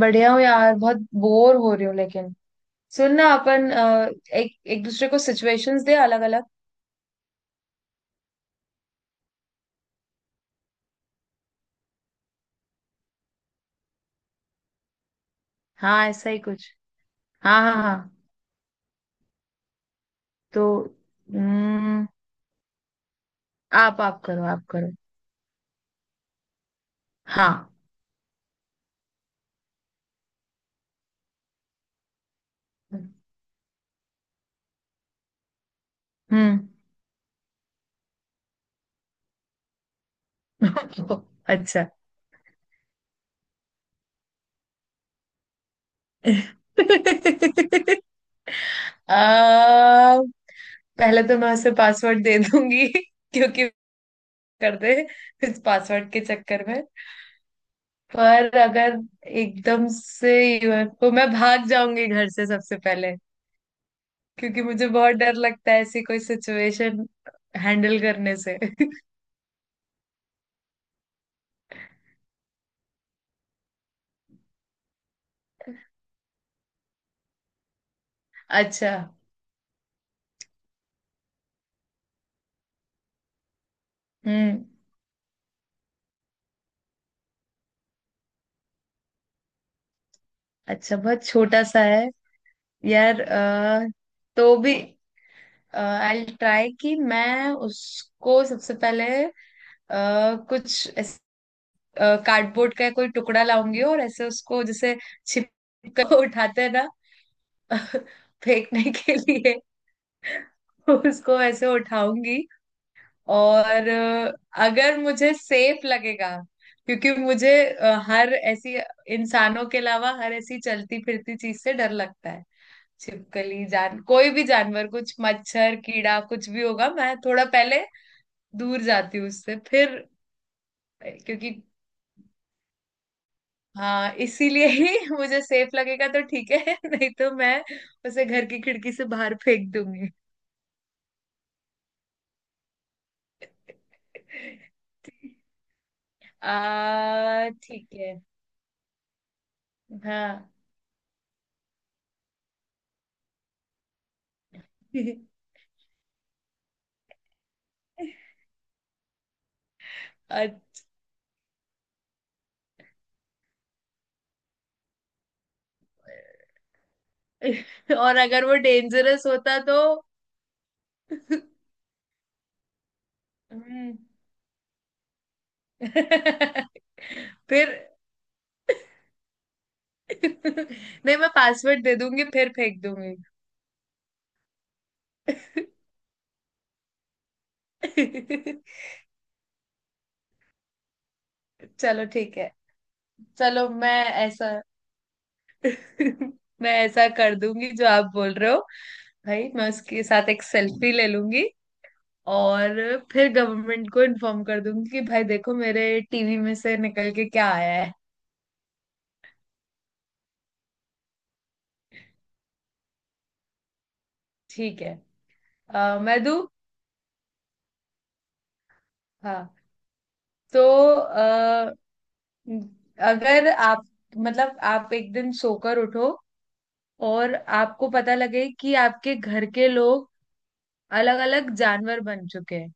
बढ़िया हूँ यार। बहुत बोर हो रही हूँ लेकिन सुन ना अपन एक एक दूसरे को सिचुएशंस दे अलग अलग। हाँ, ऐसा ही कुछ। हाँ हाँ हाँ। तो हम्म, आप करो आप करो। हाँ। हम्म। अच्छा। आ, पहले तो मैं उसे पासवर्ड दे दूंगी। क्योंकि करते इस पासवर्ड के चक्कर में। पर अगर एकदम से यूएफओ मैं भाग जाऊंगी घर से सबसे पहले। क्योंकि मुझे बहुत डर लगता है ऐसी कोई सिचुएशन हैंडल करने से। अच्छा। हम्म। अच्छा बहुत छोटा सा है यार। तो भी आई विल ट्राई कि मैं उसको सबसे पहले कुछ कार्डबोर्ड का कोई टुकड़ा लाऊंगी और ऐसे उसको जैसे छिप कर उठाते हैं ना। फेंकने के लिए उसको ऐसे उठाऊंगी। और अगर मुझे सेफ लगेगा। क्योंकि मुझे हर ऐसी इंसानों के अलावा हर ऐसी चलती फिरती चीज से डर लगता है। छिपकली जान कोई भी जानवर, कुछ मच्छर कीड़ा कुछ भी होगा, मैं थोड़ा पहले दूर जाती हूँ उससे फिर। क्योंकि हाँ इसीलिए ही मुझे सेफ लगेगा तो ठीक है। नहीं तो मैं उसे घर की खिड़की से बाहर फेंक दूंगी। आ ठीक है। हाँ। अ- और अगर वो डेंजरस होता तो। हम्म। फिर नहीं, मैं पासवर्ड दे दूंगी फिर फेंक दूंगी। चलो ठीक है। चलो मैं ऐसा मैं ऐसा कर दूंगी जो आप बोल रहे हो। भाई मैं उसके साथ एक सेल्फी ले लूंगी। और फिर गवर्नमेंट को इन्फॉर्म कर दूंगी कि भाई देखो मेरे टीवी में से निकल के क्या आया है। ठीक है। मैं दूं? हाँ। तो अ, अगर आप मतलब आप एक दिन सोकर उठो, और आपको पता लगे कि आपके घर के लोग अलग अलग जानवर बन चुके हैं।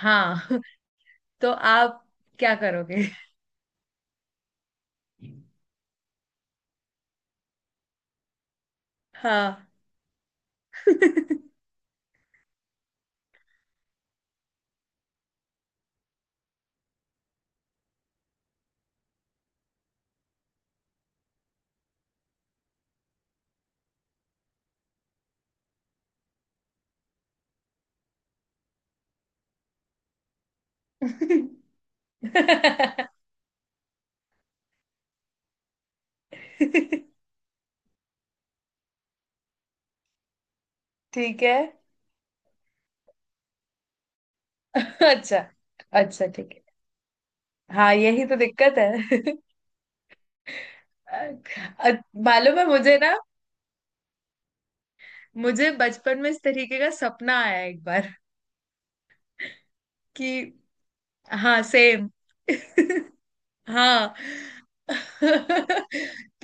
हाँ। तो आप क्या करोगे? हाँ। ठीक है। अच्छा। अच्छा ठीक है। हाँ यही तो दिक्कत है। अ- मालूम है मुझे ना, मुझे बचपन में इस तरीके का सपना आया एक बार कि। हाँ सेम। हाँ।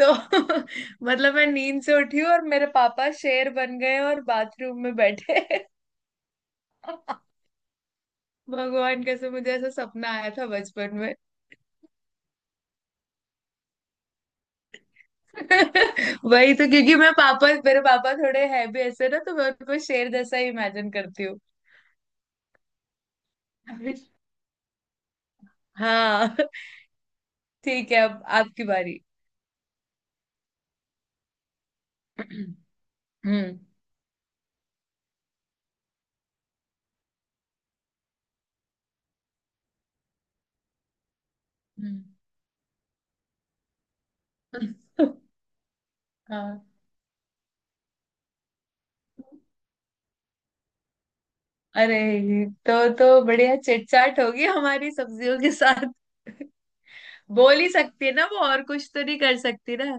तो मतलब मैं नींद से उठी हूँ और मेरे पापा शेर बन गए और बाथरूम में बैठे। भगवान कैसे मुझे ऐसा सपना आया था बचपन में। वही तो, क्योंकि मैं पापा मेरे पापा थोड़े है भी ऐसे ना, तो मैं उनको शेर जैसा ही इमेजिन करती हूँ। हाँ ठीक है अब आपकी बारी। हम्म। हम्म। हाँ। अरे, तो बढ़िया चिटचाट होगी हमारी सब्जियों के साथ। बोल ही सकती है ना वो, और कुछ तो नहीं कर सकती ना।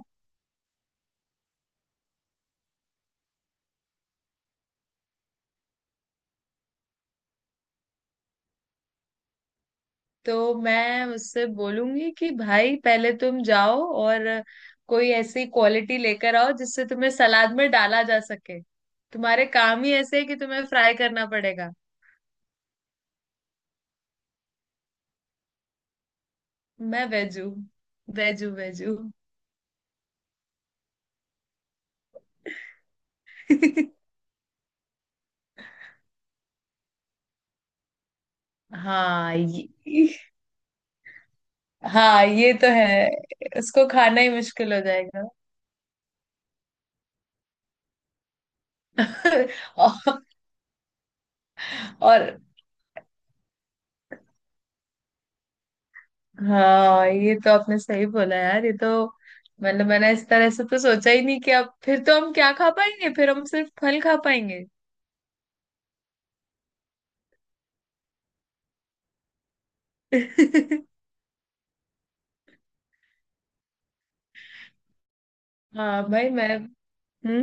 तो मैं उससे बोलूंगी कि भाई पहले तुम जाओ और कोई ऐसी क्वालिटी लेकर आओ जिससे तुम्हें सलाद में डाला जा सके। तुम्हारे काम ही ऐसे है कि तुम्हें फ्राई करना पड़ेगा। मैं वेजू। वेजू वेजू। हाँ ये हाँ ये तो है। उसको खाना ही मुश्किल हो जाएगा। और, और हाँ, ये तो आपने सही बोला यार, ये तो मतलब मैंने इस तरह से तो सोचा ही नहीं कि अब फिर तो हम क्या खा पाएंगे, फिर हम सिर्फ फल खा पाएंगे। हाँ भाई मैं। हम्म।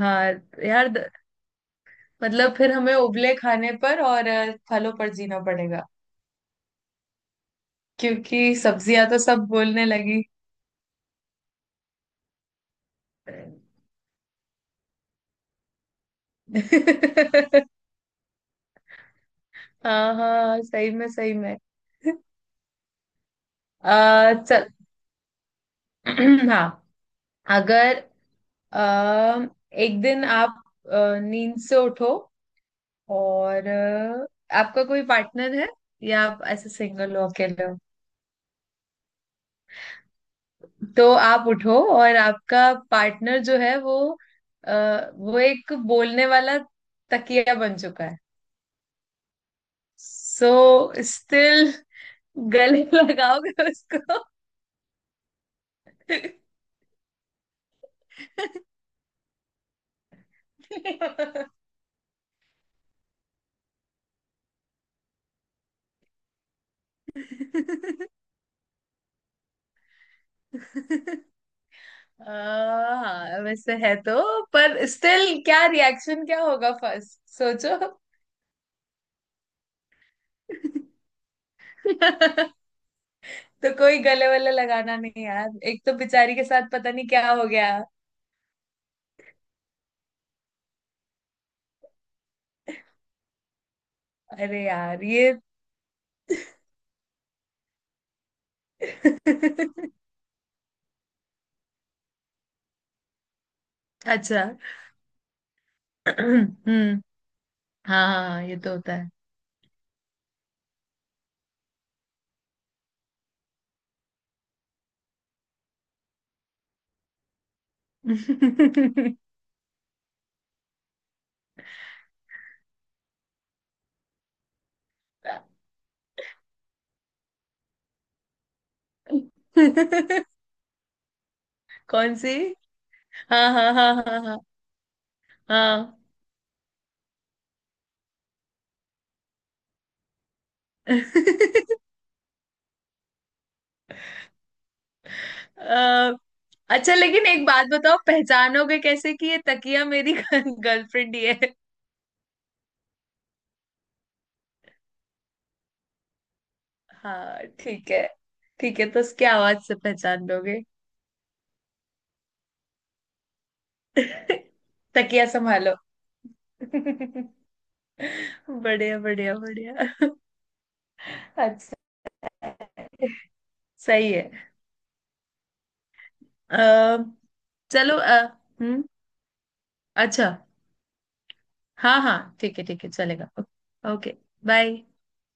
हाँ यार, मतलब फिर हमें उबले खाने पर और फलों पर जीना पड़ेगा, क्योंकि सब्जियां तो सब बोलने लगी। हाँ हाँ, सही में सही में। चल। हाँ। अगर एक दिन आप नींद से उठो, और आपका कोई पार्टनर है, या आप ऐसे सिंगल हो अकेले हो, तो आप उठो और आपका पार्टनर जो है वो, वो एक बोलने वाला तकिया बन चुका है। सो स्टिल गले लगाओगे उसको? आ, हाँ वैसे है तो, पर स्टिल क्या रिएक्शन क्या होगा फर्स्ट सोचो। तो कोई गले वले लगाना नहीं यार, एक तो बेचारी के साथ पता नहीं क्या हो गया। अरे यार ये। अच्छा। हम्म। हाँ हाँ हाँ, ये तो होता है। कौन सी? हाँ हाँ हाँ हाँ हाँ हाँ। अ, अच्छा, लेकिन एक बात बताओ, पहचानोगे कैसे कि ये तकिया मेरी गर्लफ्रेंड ही है? हाँ ठीक है। ठीक है तो उसकी आवाज से पहचान लोगे। तकिया संभालो। बढ़िया बढ़िया बढ़िया। अच्छा। सही है। अ, चलो। हम्म। अच्छा। हाँ हाँ ठीक है, ठीक है चलेगा। ओके। बाय।